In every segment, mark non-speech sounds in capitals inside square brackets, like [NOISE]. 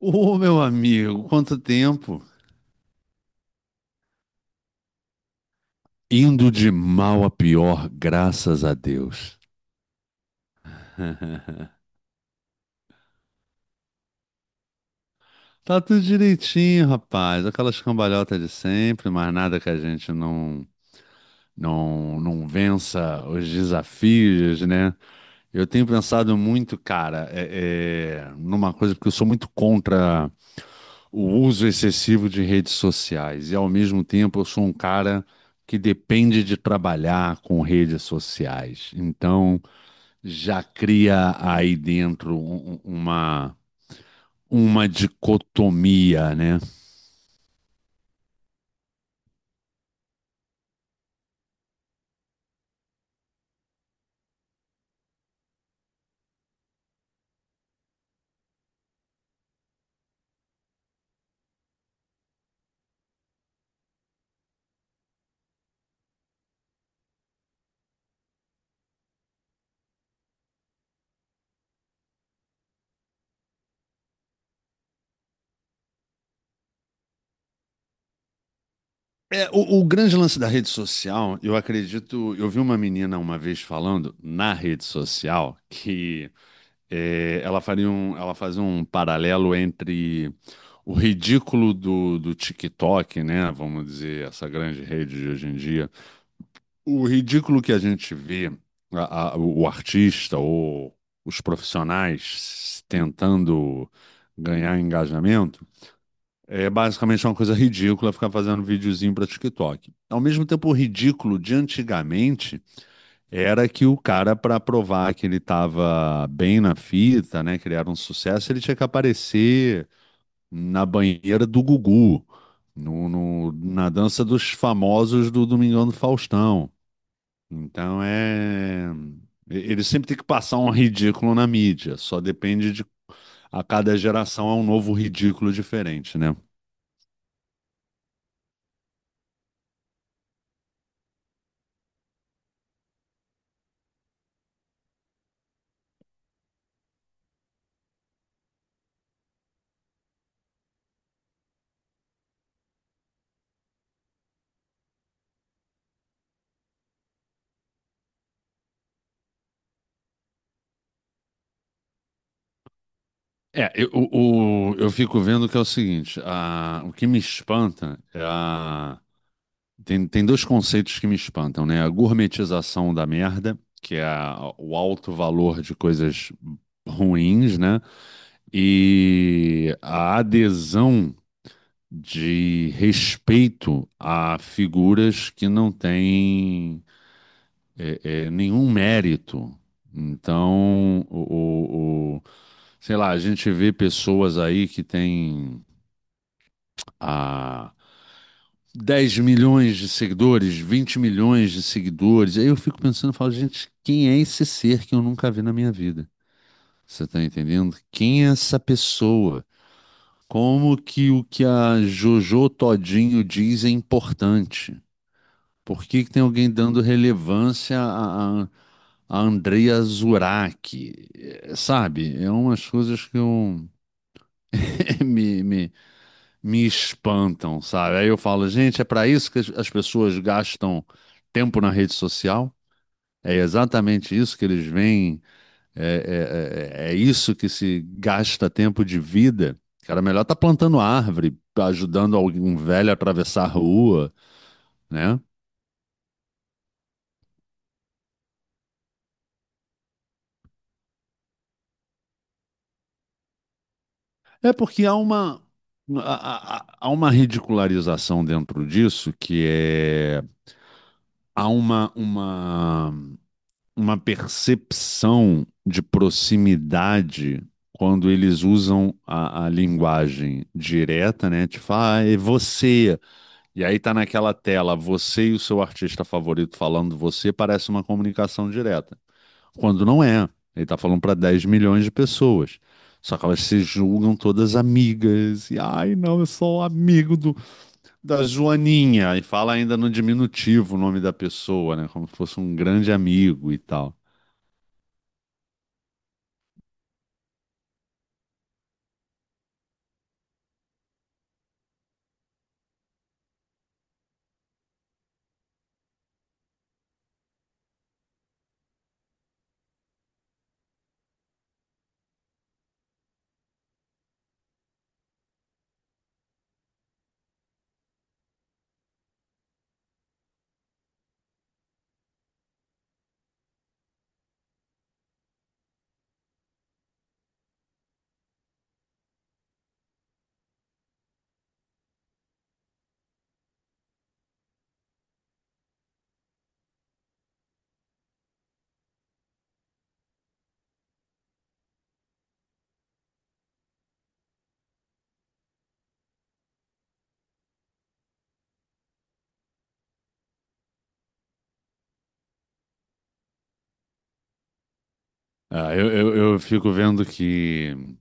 Ô, meu amigo, quanto tempo! Indo de mal a pior, graças a Deus. [LAUGHS] Tá tudo direitinho, rapaz. Aquelas cambalhotas de sempre, mas nada que a gente não vença os desafios, né? Eu tenho pensado muito, cara, numa coisa, porque eu sou muito contra o uso excessivo de redes sociais. E ao mesmo tempo eu sou um cara que depende de trabalhar com redes sociais. Já cria aí dentro uma dicotomia, né? É, o grande lance da rede social, eu acredito. Eu vi uma menina uma vez falando na rede social que ela ela fazia um paralelo entre o ridículo do TikTok, né? Vamos dizer, essa grande rede de hoje em dia. O ridículo que a gente vê, o artista ou os profissionais tentando ganhar engajamento, é basicamente uma coisa ridícula ficar fazendo videozinho para TikTok. Ao mesmo tempo, o ridículo de antigamente era que o cara, para provar que ele estava bem na fita, né, que ele era um sucesso, ele tinha que aparecer na banheira do Gugu, na dança dos famosos do Domingão do Faustão. Então é. Ele sempre tem que passar um ridículo na mídia, só depende de. A cada geração é um novo ridículo diferente, né? É, eu fico vendo que é o seguinte: a- o que me espanta é a. Tem dois conceitos que me espantam, né? A gourmetização da merda, que é a- o alto valor de coisas ruins, né? E a adesão. De respeito a figuras que não têm nenhum mérito. Então, sei lá, a gente vê pessoas aí que têm ah, 10 milhões de seguidores, 20 milhões de seguidores. Aí eu fico pensando, eu falo, gente, quem é esse ser que eu nunca vi na minha vida? Você tá entendendo? Quem é essa pessoa? Como que o que a Jojo Todinho diz é importante? Por que que tem alguém dando relevância a Andrea Zurak? É. Sabe? É umas coisas que eu, [LAUGHS] me, me, me espantam, sabe? Aí eu falo, gente, é para isso que as as pessoas gastam tempo na rede social? É exatamente isso que eles veem? É isso que se gasta tempo de vida? Cara, melhor tá plantando árvore, ajudando algum velho a atravessar a rua, né? É porque há uma ridicularização dentro disso que é há uma, uma, uma percepção de proximidade quando eles usam a linguagem direta, né? Tipo, ah, é você. E aí tá naquela tela, você e o seu artista favorito falando você, parece uma comunicação direta. Quando não é. Ele tá falando para 10 milhões de pessoas. Só que elas se julgam todas amigas. E, ai, não, eu sou amigo da Joaninha. E fala ainda no diminutivo o nome da pessoa, né? Como se fosse um grande amigo e tal. Ah, eu fico vendo que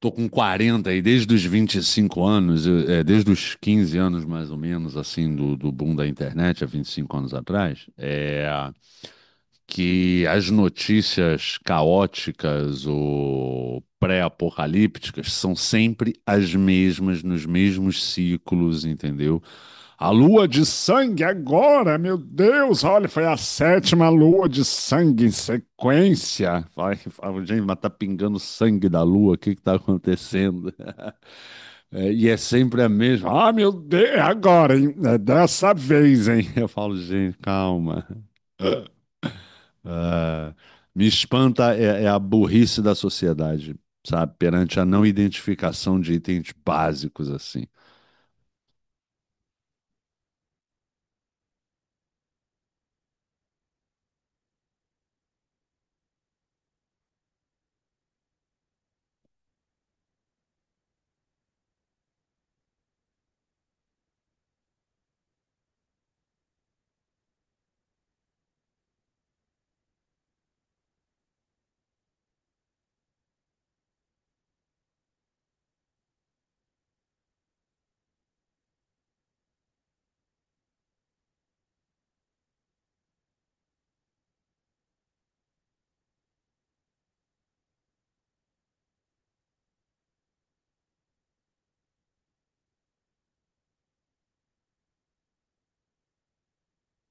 tô com 40 e desde os 25 anos, desde os 15 anos mais ou menos, assim, do boom da internet, há 25 anos atrás, é, que as notícias caóticas ou pré-apocalípticas são sempre as mesmas, nos mesmos ciclos, entendeu? A lua de sangue agora, meu Deus, olha, foi a sétima lua de sangue em sequência. Vai, fala, gente, mas tá pingando sangue da lua, o que que tá acontecendo? É, e é sempre a mesma. Ah, meu Deus, é agora, hein? É dessa vez, hein? Eu falo, gente, calma. Ah, me espanta é, é a burrice da sociedade, sabe? Perante a não identificação de itens básicos assim.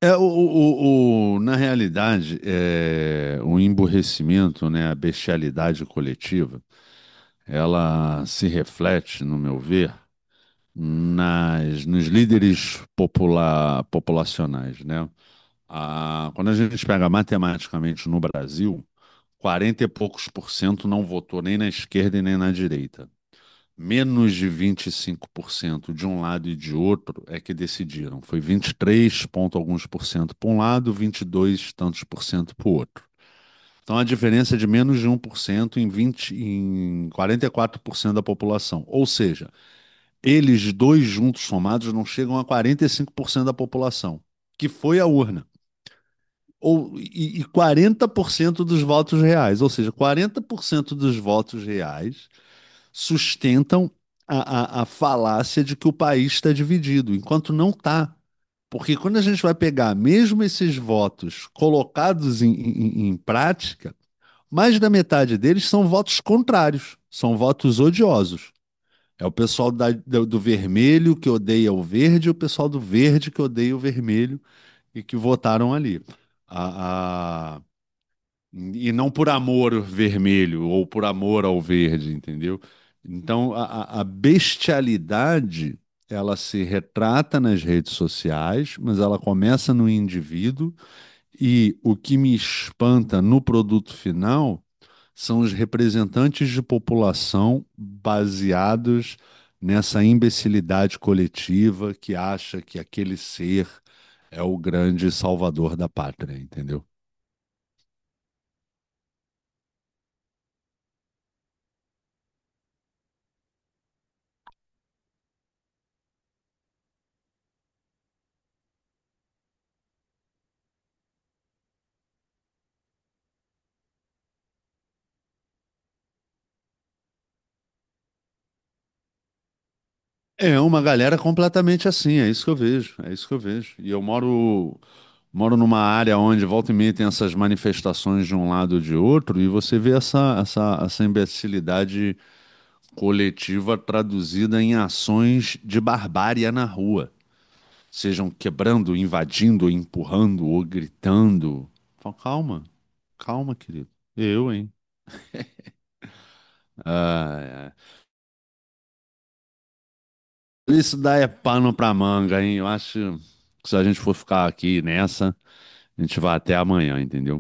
É, na realidade, é, o emburrecimento, né, a bestialidade coletiva, ela se reflete, no meu ver, nos líderes popula- populacionais, né? Ah, quando a gente pega matematicamente no Brasil, 40 e poucos% não votou nem na esquerda e nem na direita. Menos de 25% de um lado e de outro é que decidiram. Foi 23 e alguns% para um lado, 22 e tantos% para o outro. Então, a diferença é de menos de 1% em 20 em 44% da população. Ou seja, eles dois juntos somados não chegam a 45% da população, que foi a urna. Ou, e 40% dos votos reais. Ou seja, 40% dos votos reais sustentam a, falácia de que o país está dividido, enquanto não está. Porque quando a gente vai pegar mesmo esses votos colocados em prática, mais da metade deles são votos contrários, são votos odiosos. É o pessoal do do vermelho que odeia o verde e o pessoal do verde que odeia o vermelho e que votaram ali. A- a- E não por amor ao vermelho ou por amor ao verde, entendeu? Então a bestialidade ela se retrata nas redes sociais, mas ela começa no indivíduo e o que me espanta no produto final são os representantes de população baseados nessa imbecilidade coletiva que acha que aquele ser é o grande salvador da pátria, entendeu? É uma galera completamente assim, é isso que eu vejo, é isso que eu vejo. E eu moro numa área onde volta e meia tem essas manifestações de um lado ou de outro, e você vê essa essa imbecilidade coletiva traduzida em ações de barbárie na rua. Sejam quebrando, invadindo, empurrando ou gritando. Fala. Calma, querido. Eu, hein? Ah, é. Isso daí é pano pra manga, hein? Eu acho que se a gente for ficar aqui nessa, a gente vai até amanhã, entendeu?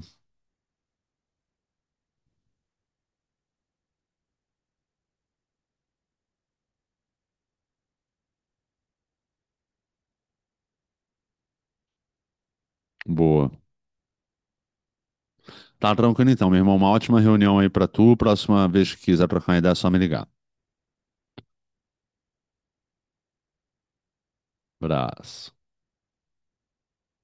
Boa. Tá tranquilo então, meu irmão. Uma ótima reunião aí pra tu. Próxima vez que quiser trocar uma ideia, é só me ligar. Abraço.